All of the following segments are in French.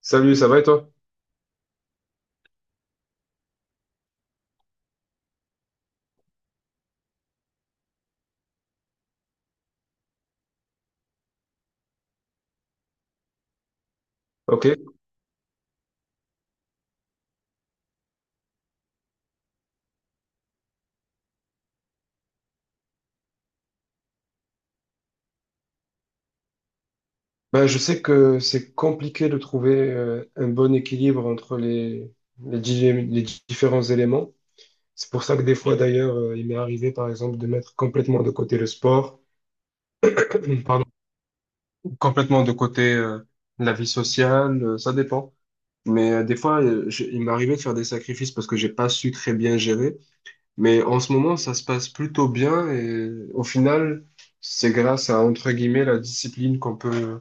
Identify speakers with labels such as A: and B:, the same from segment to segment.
A: Salut, ça va et toi? Ok. Ben, je sais que c'est compliqué de trouver un bon équilibre entre les différents éléments. C'est pour ça que des fois, d'ailleurs, il m'est arrivé, par exemple, de mettre complètement de côté le sport, pardon, complètement de côté la vie sociale, ça dépend. Mais des fois, il m'est arrivé de faire des sacrifices parce que j'ai pas su très bien gérer. Mais en ce moment, ça se passe plutôt bien et au final, c'est grâce à, entre guillemets, la discipline qu'on peut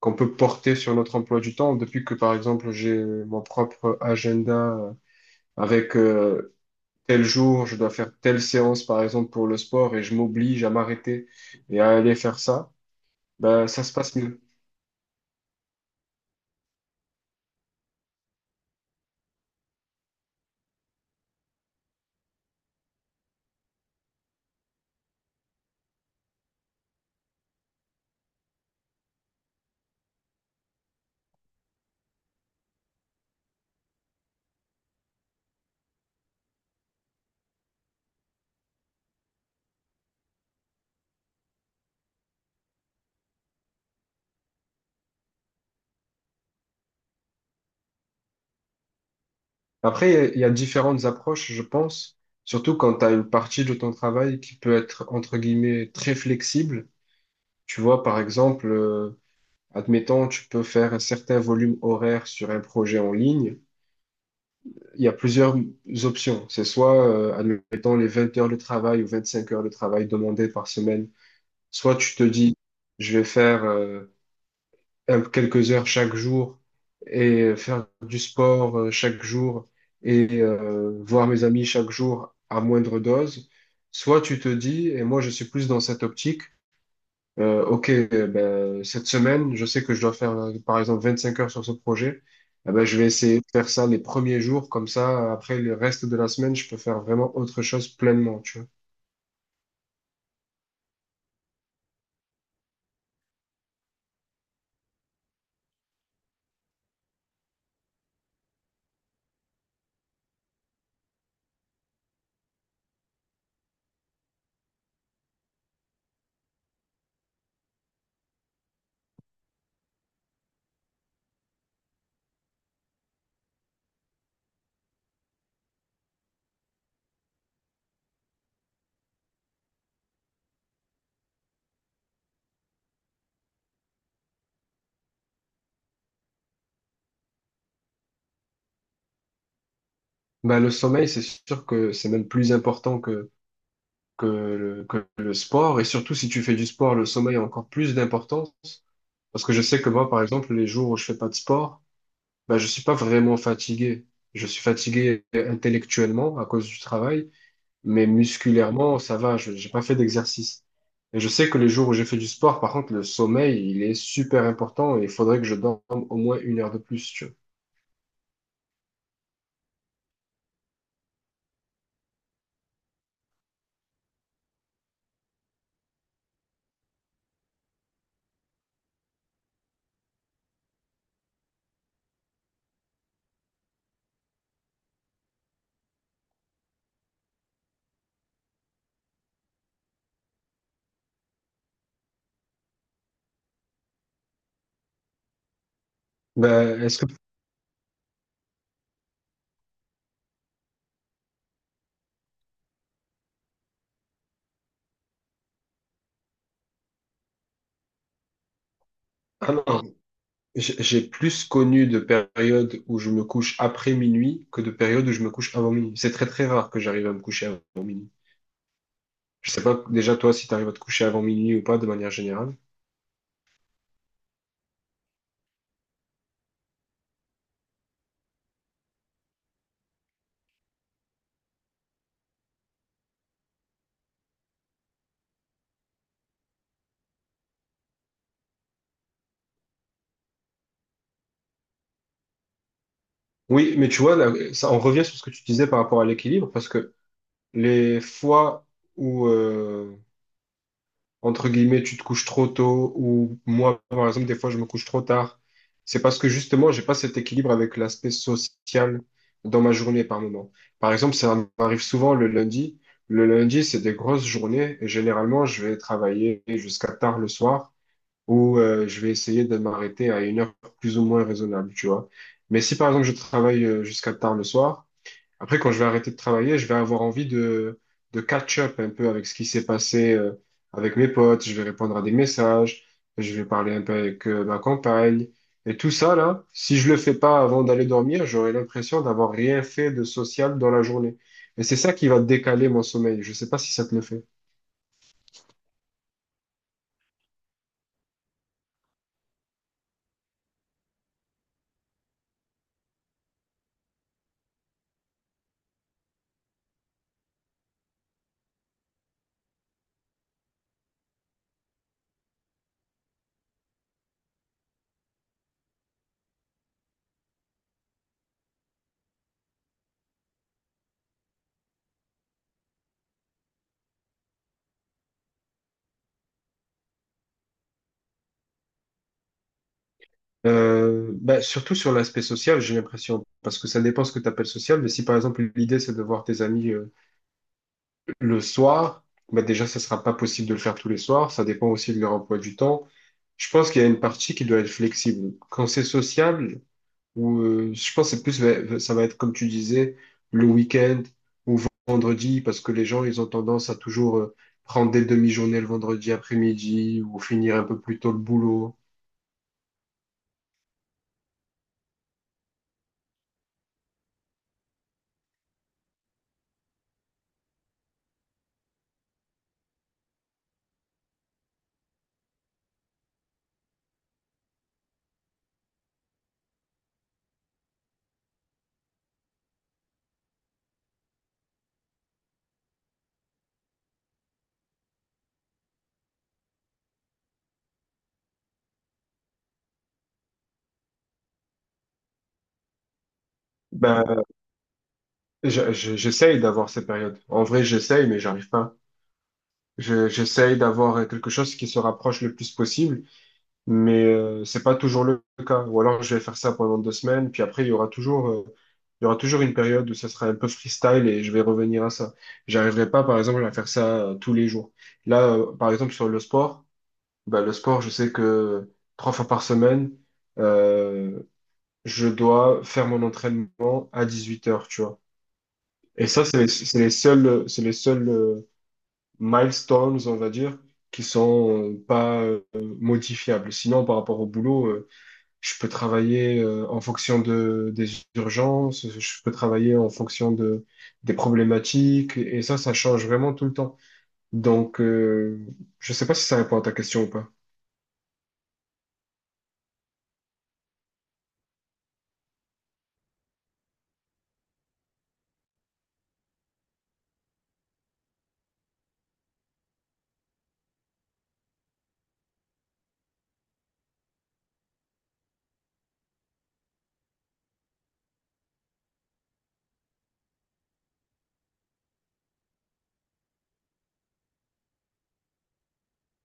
A: qu'on peut porter sur notre emploi du temps. Depuis que, par exemple, j'ai mon propre agenda avec tel jour, je dois faire telle séance, par exemple, pour le sport, et je m'oblige à m'arrêter et à aller faire ça, ben, ça se passe mieux. Après, il y a différentes approches, je pense, surtout quand tu as une partie de ton travail qui peut être, entre guillemets, très flexible. Tu vois, par exemple, admettons, tu peux faire un certain volume horaire sur un projet en ligne, il y a plusieurs options. C'est soit, admettons, les 20 heures de travail ou 25 heures de travail demandées par semaine. Soit tu te dis, je vais faire quelques heures chaque jour et faire du sport chaque jour et voir mes amis chaque jour à moindre dose. Soit tu te dis, et moi je suis plus dans cette optique, ok, ben, cette semaine, je sais que je dois faire par exemple 25 heures sur ce projet. Eh ben, je vais essayer de faire ça les premiers jours, comme ça, après le reste de la semaine, je peux faire vraiment autre chose pleinement, tu vois. Ben, le sommeil, c'est sûr que c'est même plus important que le sport. Et surtout, si tu fais du sport, le sommeil a encore plus d'importance. Parce que je sais que moi, par exemple, les jours où je fais pas de sport, ben, je suis pas vraiment fatigué. Je suis fatigué intellectuellement à cause du travail, mais musculairement, ça va, je j'ai pas fait d'exercice. Et je sais que les jours où j'ai fait du sport, par contre, le sommeil, il est super important et il faudrait que je dorme au moins 1 heure de plus, tu vois. Ben, est-ce que... Ah non, j'ai plus connu de périodes où je me couche après minuit que de périodes où je me couche avant minuit. C'est très très rare que j'arrive à me coucher avant minuit. Je sais pas déjà toi si tu arrives à te coucher avant minuit ou pas de manière générale. Oui, mais tu vois, là, ça, on revient sur ce que tu disais par rapport à l'équilibre, parce que les fois où, entre guillemets, tu te couches trop tôt, ou moi, par exemple, des fois, je me couche trop tard. C'est parce que justement, j'ai pas cet équilibre avec l'aspect social dans ma journée par moment. Par exemple, ça m'arrive souvent le lundi. Le lundi, c'est des grosses journées et généralement, je vais travailler jusqu'à tard le soir ou je vais essayer de m'arrêter à une heure plus ou moins raisonnable, tu vois. Mais si par exemple, je travaille jusqu'à tard le soir, après, quand je vais arrêter de travailler, je vais avoir envie de catch-up un peu avec ce qui s'est passé avec mes potes. Je vais répondre à des messages, je vais parler un peu avec ma compagne. Et tout ça, là, si je le fais pas avant d'aller dormir, j'aurai l'impression d'avoir rien fait de social dans la journée. Et c'est ça qui va décaler mon sommeil. Je sais pas si ça te le fait. Surtout sur l'aspect social, j'ai l'impression, parce que ça dépend ce que tu appelles social, mais si par exemple l'idée c'est de voir tes amis le soir, bah déjà, ça sera pas possible de le faire tous les soirs. Ça dépend aussi de leur emploi du temps. Je pense qu'il y a une partie qui doit être flexible. Quand c'est sociable, ou je pense que c'est plus, ouais, ça va être comme tu disais, le week-end ou vendredi, parce que les gens, ils ont tendance à toujours prendre des demi-journées le vendredi après-midi ou finir un peu plus tôt le boulot. Ben, j'essaye d'avoir ces périodes. En vrai, j'essaye, mais j'arrive pas. J'essaye d'avoir quelque chose qui se rapproche le plus possible. Mais c'est pas toujours le cas. Ou alors je vais faire ça pendant 2 semaines, puis après il y aura toujours, il y aura toujours une période où ça sera un peu freestyle et je vais revenir à ça. J'arriverai pas, par exemple, à faire ça tous les jours. Là, par exemple, sur le sport, bah, le sport, je sais que 3 fois par semaine, euh, je dois faire mon entraînement à 18 heures, tu vois. Et ça, c'est les seuls milestones, on va dire, qui sont pas modifiables. Sinon, par rapport au boulot, je peux travailler en fonction de, des urgences, je peux travailler en fonction de, des problématiques, et ça change vraiment tout le temps. Donc, je sais pas si ça répond à ta question ou pas.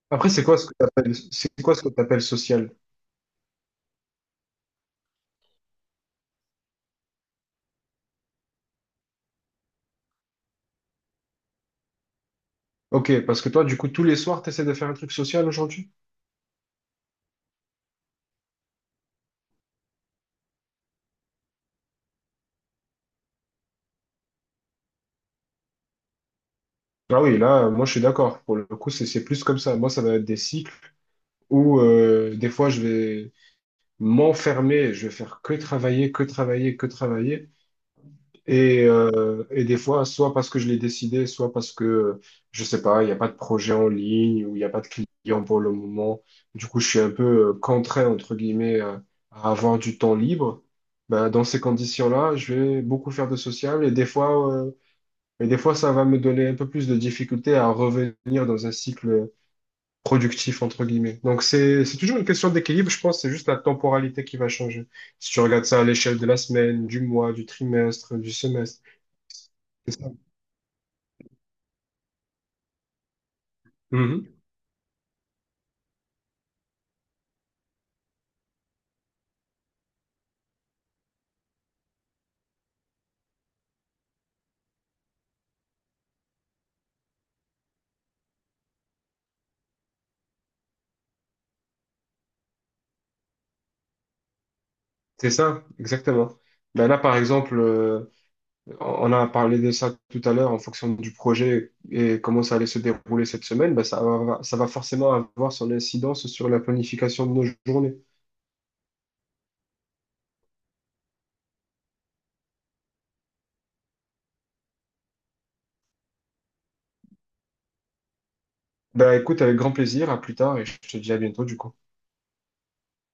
A: Après, c'est quoi ce que t'appelles social? Ok, parce que toi, du coup, tous les soirs, t'essaies de faire un truc social aujourd'hui? Ah oui, là, moi, je suis d'accord. Pour le coup, c'est plus comme ça. Moi, ça va être des cycles où, des fois, je vais m'enfermer, je vais faire que travailler, que travailler, que travailler. Et, des fois, soit parce que je l'ai décidé, soit parce que, je sais pas, il n'y a pas de projet en ligne ou il n'y a pas de client pour le moment. Du coup, je suis un peu contraint, entre guillemets, à avoir du temps libre. Ben, dans ces conditions-là, je vais beaucoup faire de social et des fois, ça va me donner un peu plus de difficulté à revenir dans un cycle productif, entre guillemets. Donc, c'est toujours une question d'équilibre, je pense, que c'est juste la temporalité qui va changer. Si tu regardes ça à l'échelle de la semaine, du mois, du trimestre, du semestre. C'est ça. Mhm. C'est ça, exactement. Ben là, par exemple, on a parlé de ça tout à l'heure en fonction du projet et comment ça allait se dérouler cette semaine. Ben ça va forcément avoir son incidence sur la planification de nos journées. Ben écoute, avec grand plaisir, à plus tard et je te dis à bientôt du coup.